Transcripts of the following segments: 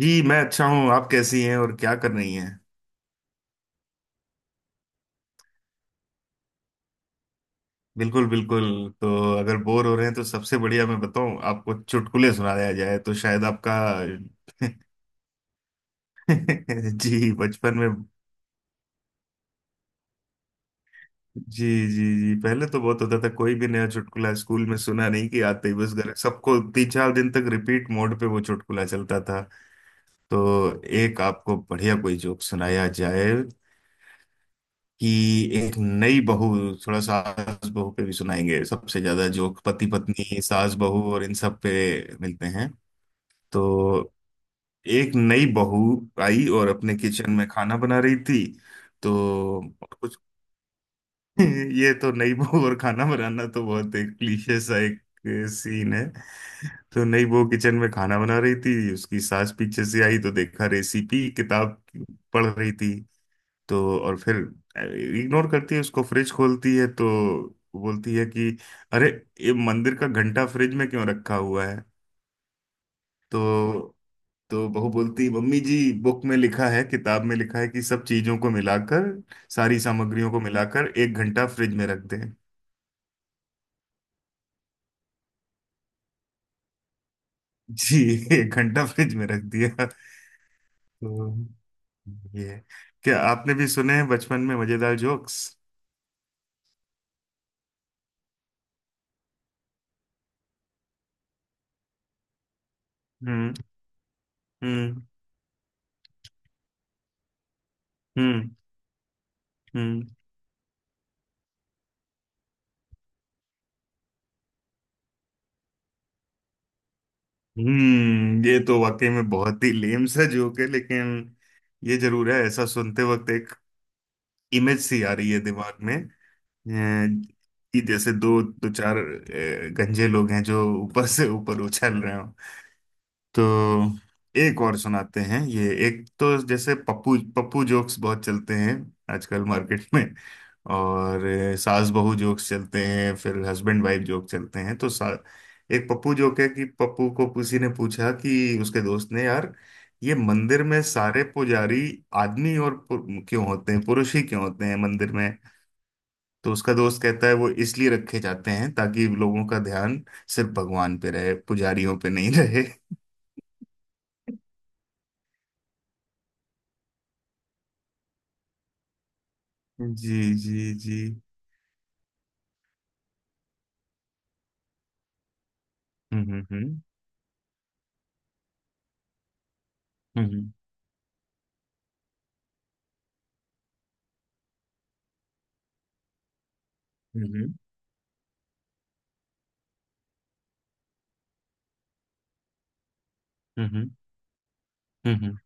जी, मैं अच्छा हूँ। आप कैसी हैं और क्या कर रही हैं। बिल्कुल बिल्कुल। तो अगर बोर हो रहे हैं तो सबसे बढ़िया मैं बताऊं, आपको चुटकुले सुनाया जाए तो शायद आपका जी, बचपन में। जी, जी, जी। पहले तो बहुत होता था, कोई भी नया चुटकुला स्कूल में सुना नहीं कि आते ही बस घर सबको तीन चार दिन तक रिपीट मोड पे वो चुटकुला चलता था। तो एक आपको बढ़िया कोई जोक सुनाया जाए कि एक नई बहू, थोड़ा सास बहू पे भी सुनाएंगे, सबसे ज्यादा जोक पति पत्नी सास बहू और इन सब पे मिलते हैं। तो एक नई बहू आई और अपने किचन में खाना बना रही थी। तो और कुछ ये तो नई बहू और खाना बनाना तो बहुत एक क्लीशे सा एक सीन है। तो नई बहू किचन में खाना बना रही थी, उसकी सास पीछे से आई तो देखा रेसिपी किताब पढ़ रही थी। तो और फिर इग्नोर करती है उसको, फ्रिज खोलती है तो बोलती है कि अरे ये मंदिर का घंटा फ्रिज में क्यों रखा हुआ है। तो तो बहू बोलती है मम्मी जी, बुक में लिखा है, किताब में लिखा है कि सब चीजों को मिलाकर, सारी सामग्रियों को मिलाकर एक घंटा फ्रिज में रख दें। जी एक घंटा फ्रिज में रख दिया। तो ये है। क्या आपने भी सुने हैं बचपन में मजेदार जोक्स। हम्म। हम्म। हम्म। हम्म। हम्म, ये तो वाकई में बहुत ही लेम सा जोक है, लेकिन ये जरूर है ऐसा सुनते वक्त एक इमेज सी आ रही है दिमाग में, कि जैसे दो दो चार गंजे लोग हैं जो ऊपर से ऊपर उछल रहे हो। तो एक और सुनाते हैं, ये एक तो जैसे पप्पू पप्पू जोक्स बहुत चलते हैं आजकल मार्केट में, और सास बहू जोक्स चलते हैं, फिर हस्बैंड वाइफ जोक चलते हैं। एक पप्पू जोक है कि पप्पू को किसी ने पूछा कि उसके दोस्त ने, यार ये मंदिर में सारे पुजारी आदमी और क्यों होते हैं, पुरुष ही क्यों होते हैं मंदिर में। तो उसका दोस्त कहता है वो इसलिए रखे जाते हैं ताकि लोगों का ध्यान सिर्फ भगवान पे रहे, पुजारियों पे नहीं रहे। जी, जी, जी। हम्म। हम्म। हम्म। हम्म। हम्म। हम्म।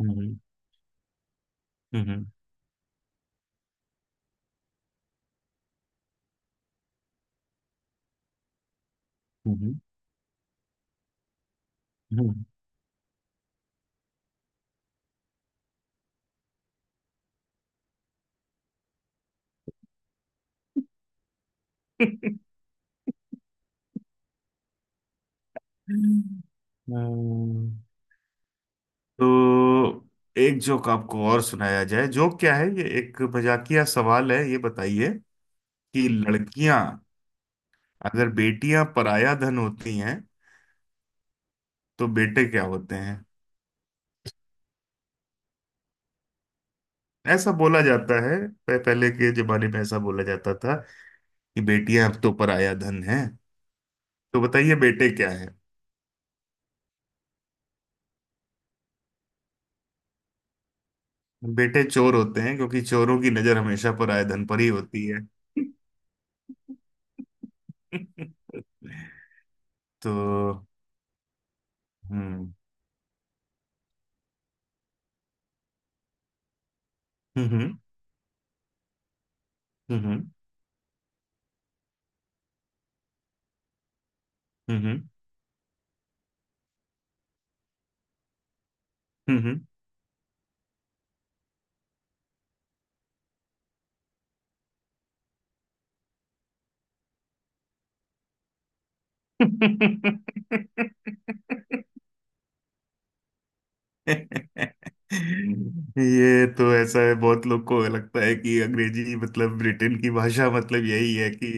हम्म। हम्म। हम्म। हम्म। तो एक जोक आपको और सुनाया जाए, जोक क्या है, ये एक मजाकिया सवाल है, ये बताइए कि लड़कियां, अगर बेटियां पराया धन होती हैं तो बेटे क्या होते हैं। ऐसा बोला जाता है, पहले के जमाने में ऐसा बोला जाता था कि बेटियां अब तो पराया धन है। तो बताइए बेटे क्या। बेटे चोर होते हैं क्योंकि चोरों की नजर हमेशा पराये धन पर ही होती है। तो हम्म। हम्म। हम्म। हम्म। हम्म। हम्म। हम्म। ये तो ऐसा है, बहुत लोग को लगता है कि अंग्रेजी मतलब ब्रिटेन की भाषा, मतलब यही है कि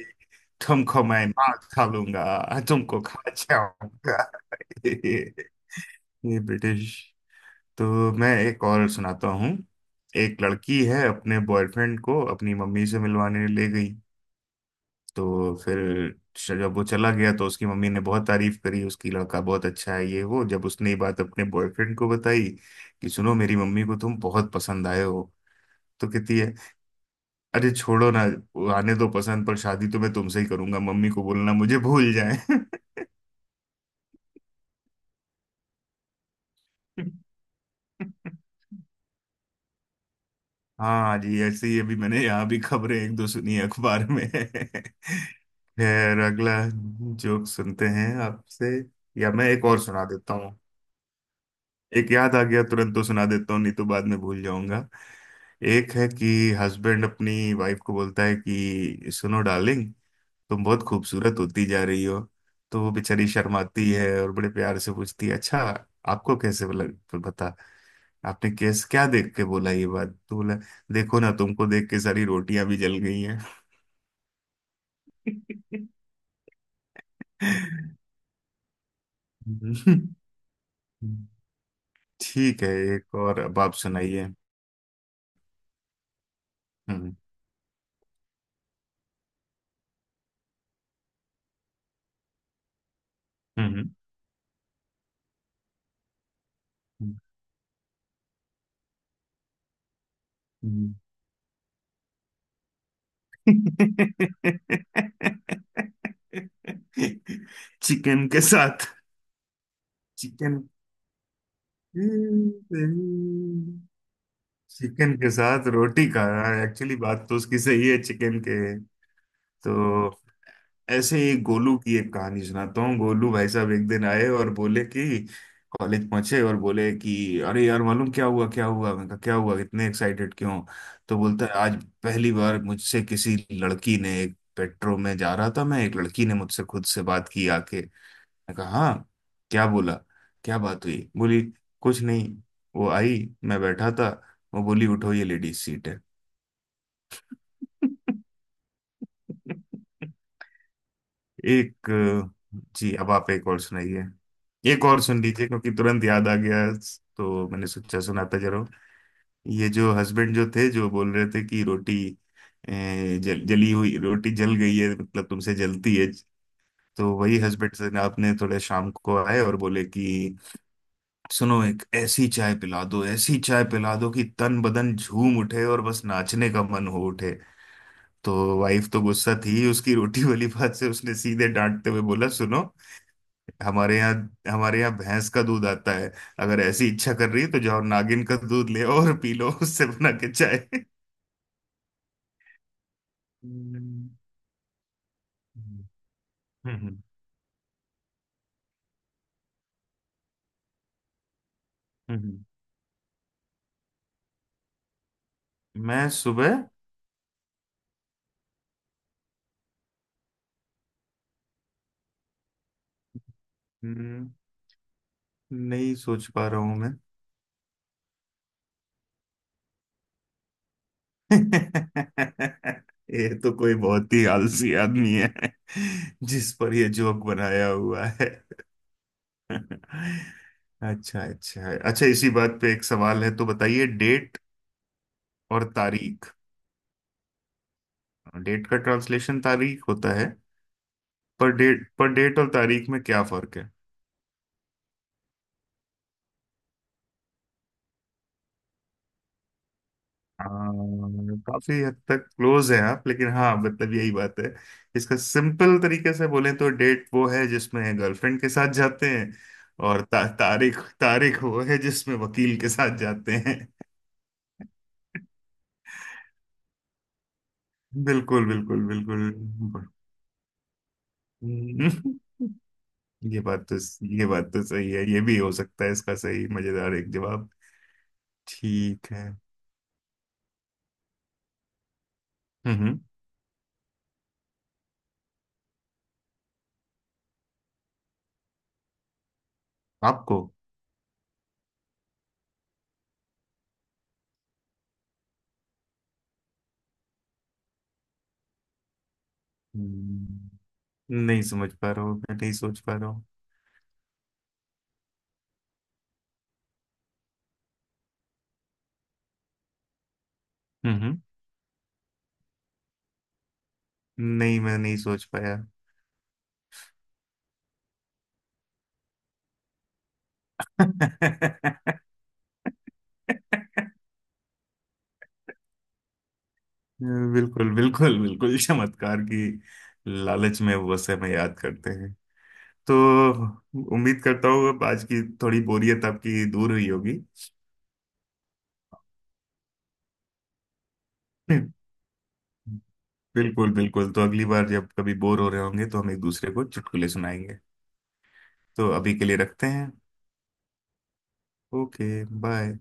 तुमको मैं मार खा लूंगा, तुमको खा जाऊंगा। ये ब्रिटिश। तो मैं एक और सुनाता हूँ। एक लड़की है, अपने बॉयफ्रेंड को अपनी मम्मी से मिलवाने ले गई। तो फिर जब वो चला गया तो उसकी मम्मी ने बहुत तारीफ करी उसकी, लड़का बहुत अच्छा है ये वो। जब उसने ये बात अपने बॉयफ्रेंड को बताई कि सुनो मेरी मम्मी को तुम बहुत पसंद आए हो, तो कहती है अरे छोड़ो ना, वो आने दो पसंद पर, शादी तो मैं तुमसे ही करूंगा, मम्मी को बोलना मुझे भूल जाए। हाँ जी, ऐसे ही अभी मैंने यहाँ भी खबरें एक दो सुनी है अखबार में। फिर अगला जोक सुनते हैं आपसे, या मैं एक और सुना देता हूँ। एक याद आ गया तुरंत तो सुना देता हूँ, नहीं तो बाद में भूल जाऊंगा। एक है कि हस्बैंड अपनी वाइफ को बोलता है कि सुनो डार्लिंग, तुम बहुत खूबसूरत होती जा रही हो। तो वो बेचारी शर्माती है और बड़े प्यार से पूछती है अच्छा आपको कैसे लग, पता, आपने कैसे क्या देख के बोला ये बात। तो बोला देखो ना, तुमको देख के सारी रोटियां भी जल गई हैं। ठीक है, एक और अब आप सुनाइए। हम्म। हम्म। हम्म। चिकन के साथ। चिकन। चिकन के साथ रोटी खा रहा है, एक्चुअली बात तो उसकी सही है, चिकन के। तो ऐसे ही गोलू की एक कहानी सुनाता हूँ। गोलू भाई साहब एक दिन आए और बोले कि कॉलेज पहुंचे और बोले कि अरे यार मालूम क्या हुआ, क्या हुआ, मैं कहा क्या हुआ इतने एक्साइटेड क्यों। तो बोलता है आज पहली बार मुझसे किसी लड़की ने, एक पेट्रो में जा रहा था मैं, एक लड़की ने मुझसे खुद से बात की आके। मैं कहा हाँ, क्या बोला, क्या बात हुई। बोली कुछ नहीं, वो आई, मैं बैठा था, वो बोली उठो ये लेडीज सीट है। एक, जी अब आप एक और सुनाइए। एक और सुन लीजिए क्योंकि तुरंत याद आ गया, तो मैंने सोचा सुनाता जरूर। ये जो हस्बैंड जो थे जो बोल रहे थे कि रोटी जली हुई रोटी जल गई है मतलब तुमसे जलती है। तो वही हस्बैंड से ना, आपने थोड़े शाम को आए और बोले कि सुनो एक ऐसी चाय पिला दो, ऐसी चाय पिला दो कि तन बदन झूम उठे और बस नाचने का मन हो उठे। तो वाइफ तो गुस्सा थी उसकी रोटी वाली बात से, उसने सीधे डांटते हुए बोला सुनो, हमारे यहाँ हमारे यहाँ भैंस का दूध आता है, अगर ऐसी इच्छा कर रही है तो जाओ नागिन का दूध ले और पी लो, उससे बना के चाय। हम्म, हम्म, हम्म। मैं सुबह। हम्म, नहीं सोच पा रहा हूं मैं। ये तो कोई बहुत ही आलसी आदमी है जिस पर ये जोक बनाया हुआ है। अच्छा अच्छा अच्छा, इसी बात पे एक सवाल है, तो बताइए डेट और तारीख, डेट का ट्रांसलेशन तारीख होता है, पर डेट पर, डेट और तारीख में क्या फर्क है। आ, काफी हद तक क्लोज है आप, लेकिन हाँ मतलब यही बात है। इसका सिंपल तरीके से बोले तो डेट वो है जिसमें गर्लफ्रेंड के साथ जाते हैं, और तारीख तारीख वो है जिसमें वकील के साथ जाते हैं। बिल्कुल बिल्कुल बिल्कुल। ये बात तो, ये बात तो सही है, ये भी हो सकता है इसका सही मजेदार एक जवाब। ठीक है। हम्म। आपको। हम्म, नहीं समझ पा रहा हूँ मैं, नहीं सोच पा रहा। हम्म, नहीं मैं नहीं सोच पाया। बिल्कुल बिल्कुल बिल्कुल, चमत्कार की लालच में वैसे में याद करते हैं। तो उम्मीद करता हूँ अब आज की थोड़ी बोरियत आपकी दूर हुई होगी। बिल्कुल बिल्कुल, तो अगली बार जब कभी बोर हो रहे होंगे तो हम एक दूसरे को चुटकुले सुनाएंगे। तो अभी के लिए रखते हैं। Okay bye.